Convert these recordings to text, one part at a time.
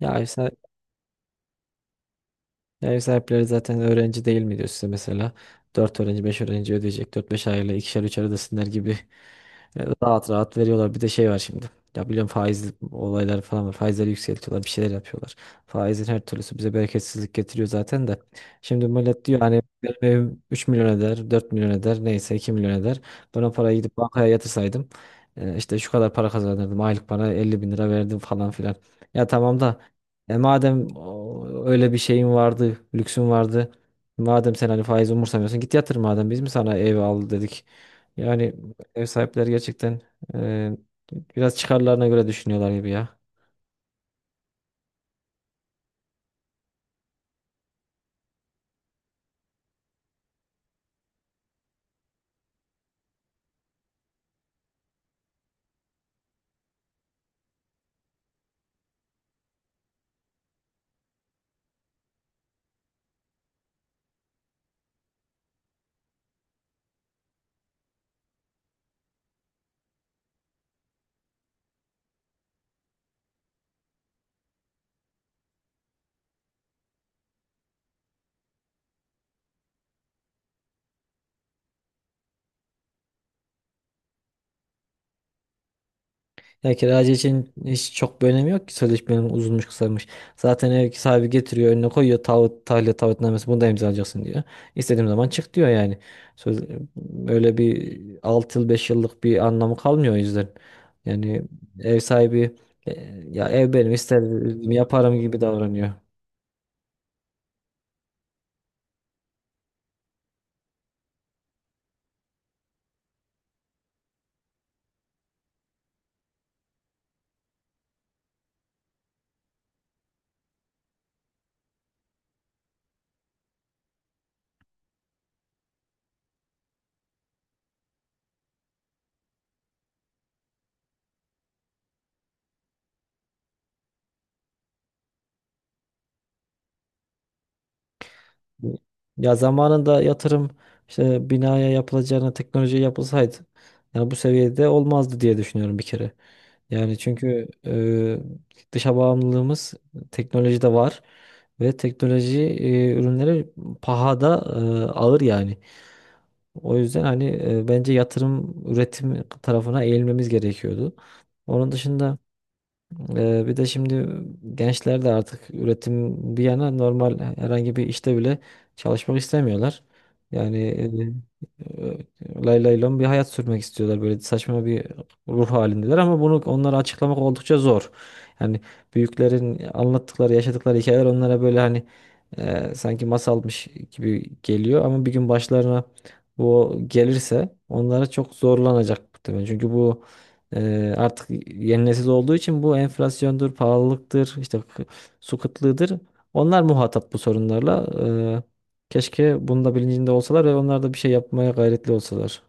Ya ev, sahi- ya ev sahipleri zaten öğrenci değil mi diyor size mesela. Dört öğrenci 5 öğrenci ödeyecek. Dört beş aile ikişer üçer ödesinler gibi rahat rahat veriyorlar. Bir de şey var şimdi. Ya biliyorum, faiz olayları falan var. Faizleri yükseltiyorlar. Bir şeyler yapıyorlar. Faizin her türlüsü bize bereketsizlik getiriyor zaten de. Şimdi millet diyor, hani benim evim 3 milyon eder, 4 milyon eder, neyse 2 milyon eder. Ben o parayı gidip bankaya yatırsaydım işte şu kadar para kazanırdım. Aylık bana 50 bin lira verdim falan filan. Ya tamam da, madem öyle bir şeyin vardı, lüksün vardı. Madem sen hani faiz umursamıyorsun, git yatır, madem biz mi sana ev al dedik? Yani ev sahipleri gerçekten e, biraz çıkarlarına göre düşünüyorlar gibi ya. Ya kiracı için hiç çok bir önemi yok ki sözleşmenin, uzunmuş kısamış. Zaten ev sahibi getiriyor, önüne koyuyor taahhüt, tahliye taahhütnamesi, bunu da imzalayacaksın diyor. İstediğim zaman çık diyor yani. Söz, Öyle bir 6 yıl, 5 yıllık bir anlamı kalmıyor o yüzden. Yani ev sahibi e, ya ev benim, isterdim yaparım gibi davranıyor. Ya zamanında yatırım işte binaya yapılacağına teknoloji yapılsaydı, yani bu seviyede olmazdı diye düşünüyorum bir kere. Yani çünkü dışa bağımlılığımız teknolojide var ve teknoloji ürünleri pahada ağır yani. O yüzden hani bence yatırım üretim tarafına eğilmemiz gerekiyordu. Onun dışında bir de şimdi gençler de artık üretim bir yana, normal herhangi bir işte bile çalışmak istemiyorlar. Yani lay lay lom bir hayat sürmek istiyorlar. Böyle saçma bir ruh halindeler ama bunu onlara açıklamak oldukça zor. Yani büyüklerin anlattıkları, yaşadıkları hikayeler onlara böyle hani sanki masalmış gibi geliyor ama bir gün başlarına bu gelirse onlara çok zorlanacak muhtemelen. Çünkü bu artık yeni nesil olduğu için bu enflasyondur, pahalılıktır, işte su kıtlığıdır. Onlar muhatap bu sorunlarla. Keşke bunun da bilincinde olsalar ve onlar da bir şey yapmaya gayretli olsalar.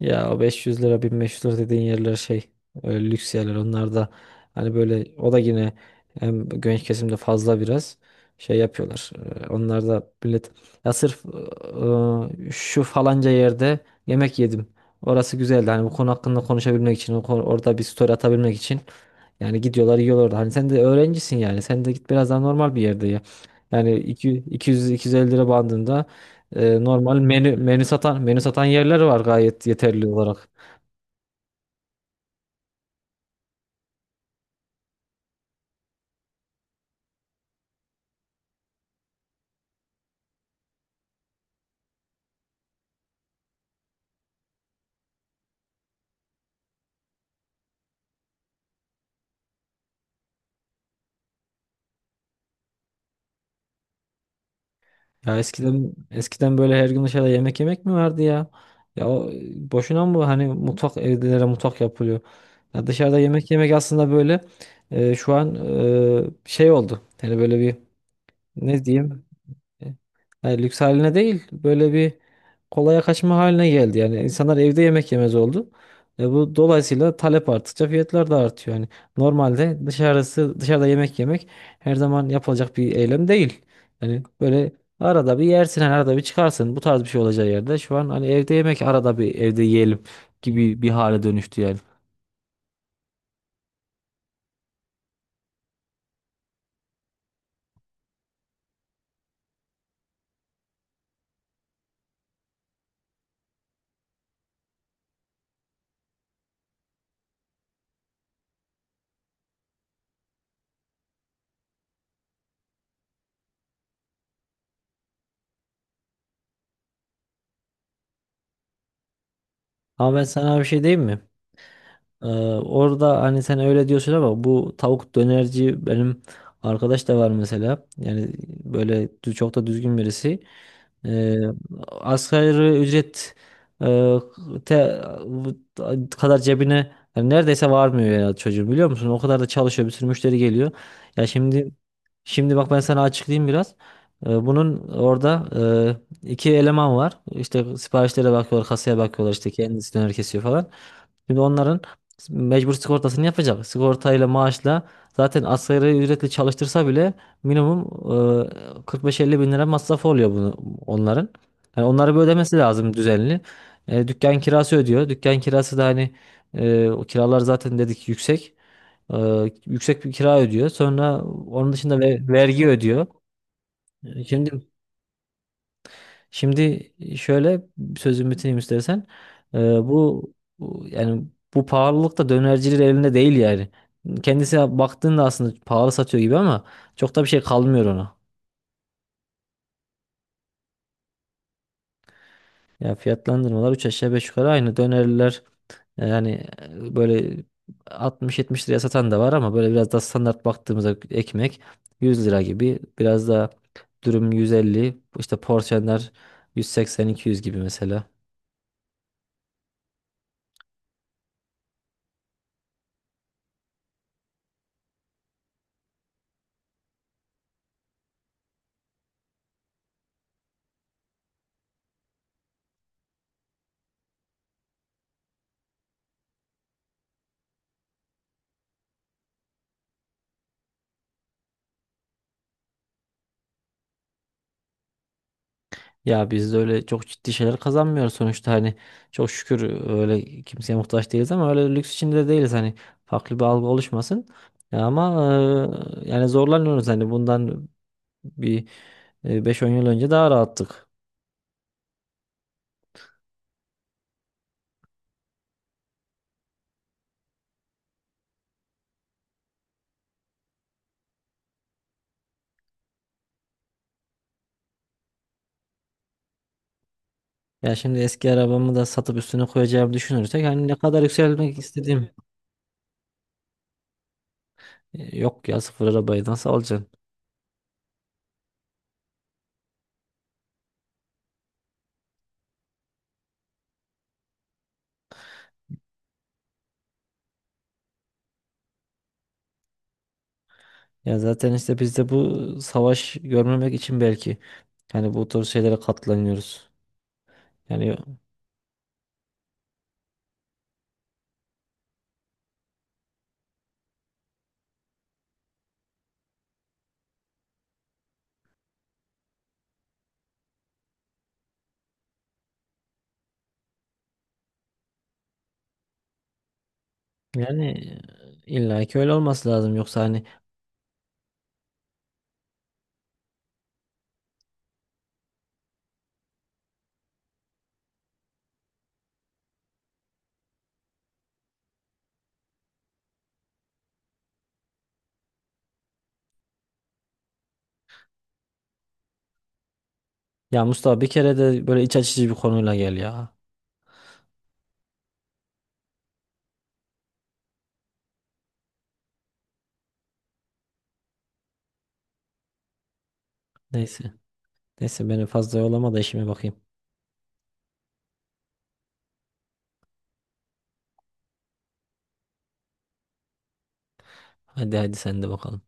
Ya o 500 lira 1500 lira dediğin yerler şey, öyle lüks yerler onlar da. Hani böyle o da yine hem genç kesimde fazla biraz şey yapıyorlar. Onlar da millet ya sırf şu falanca yerde yemek yedim, orası güzeldi, hani bu konu hakkında konuşabilmek için, orada bir story atabilmek için yani gidiyorlar yiyorlar orada. Hani sen de öğrencisin yani. Sen de git biraz daha normal bir yerde ya. Yani 200 250 lira bandında normal menü satan yerler var, gayet yeterli olarak. Ya eskiden eskiden böyle her gün dışarıda yemek yemek mi vardı ya? Ya o, boşuna mı hani mutfak, evlere mutfak yapılıyor? Ya dışarıda yemek yemek aslında böyle şu an şey oldu. Hani böyle bir, ne diyeyim? Yani lüks haline değil, böyle bir kolaya kaçma haline geldi. Yani insanlar evde yemek yemez oldu. E, bu dolayısıyla talep arttıkça fiyatlar da artıyor. Yani normalde dışarıda yemek yemek her zaman yapılacak bir eylem değil. Yani böyle arada bir yersin, hani arada bir çıkarsın. Bu tarz bir şey olacağı yerde şu an hani evde yemek, arada bir evde yiyelim gibi bir hale dönüştü yani. Ama ben sana bir şey diyeyim mi? Ee, Orada hani sen öyle diyorsun ama bu tavuk dönerci benim arkadaş da var mesela. Yani böyle çok da düzgün birisi. Ee, Asgari ücret e, te- kadar cebine yani neredeyse varmıyor ya çocuğun, biliyor musun? O kadar da çalışıyor, bir sürü müşteri geliyor. Ya şimdi, bak, ben sana açıklayayım biraz. Bunun orada iki eleman var. İşte siparişlere bakıyorlar, kasaya bakıyorlar, işte kendisi döner kesiyor falan. Şimdi onların mecbur sigortasını yapacak. Sigortayla, maaşla zaten asgari ücretle çalıştırsa bile minimum 45-50 bin lira masrafı oluyor bunu, onların. Yani onları bir ödemesi lazım düzenli. E, dükkan kirası ödüyor. Dükkan kirası da hani o kiralar zaten dedik, yüksek. E, yüksek bir kira ödüyor. Sonra onun dışında vergi ödüyor. E, Şimdi şimdi Şöyle sözümü bitireyim istersen. E, bu Yani bu pahalılık da dönercilerin elinde değil yani. Kendisi baktığında aslında pahalı satıyor gibi ama çok da bir şey kalmıyor ona. Ya fiyatlandırmalar 3 aşağı 5 yukarı aynı. Dönerler yani böyle 60 70 liraya satan da var ama böyle biraz daha standart baktığımızda ekmek 100 lira gibi. Biraz daha dürüm 150, işte porsiyonlar 180, 200 gibi mesela. Ya biz de öyle çok ciddi şeyler kazanmıyoruz sonuçta hani, çok şükür öyle kimseye muhtaç değiliz ama öyle lüks içinde de değiliz, hani farklı bir algı oluşmasın. Ya ama yani zorlanıyoruz hani, bundan bir 5-10 yıl önce daha rahattık. Ya şimdi eski arabamı da satıp üstüne koyacağımı düşünürsek hani ne kadar yükselmek istediğim... Yok ya, sıfır arabayı nasıl alacaksın? Ya zaten işte biz de bu savaş görmemek için belki, yani bu tür şeylere katlanıyoruz. Yani yani illa ki öyle olması lazım, yoksa hani... Ya Mustafa, bir kere de böyle iç açıcı bir konuyla gel ya. Neyse. Neyse, beni fazla yolama da işime bakayım. Hadi hadi, sen de bakalım.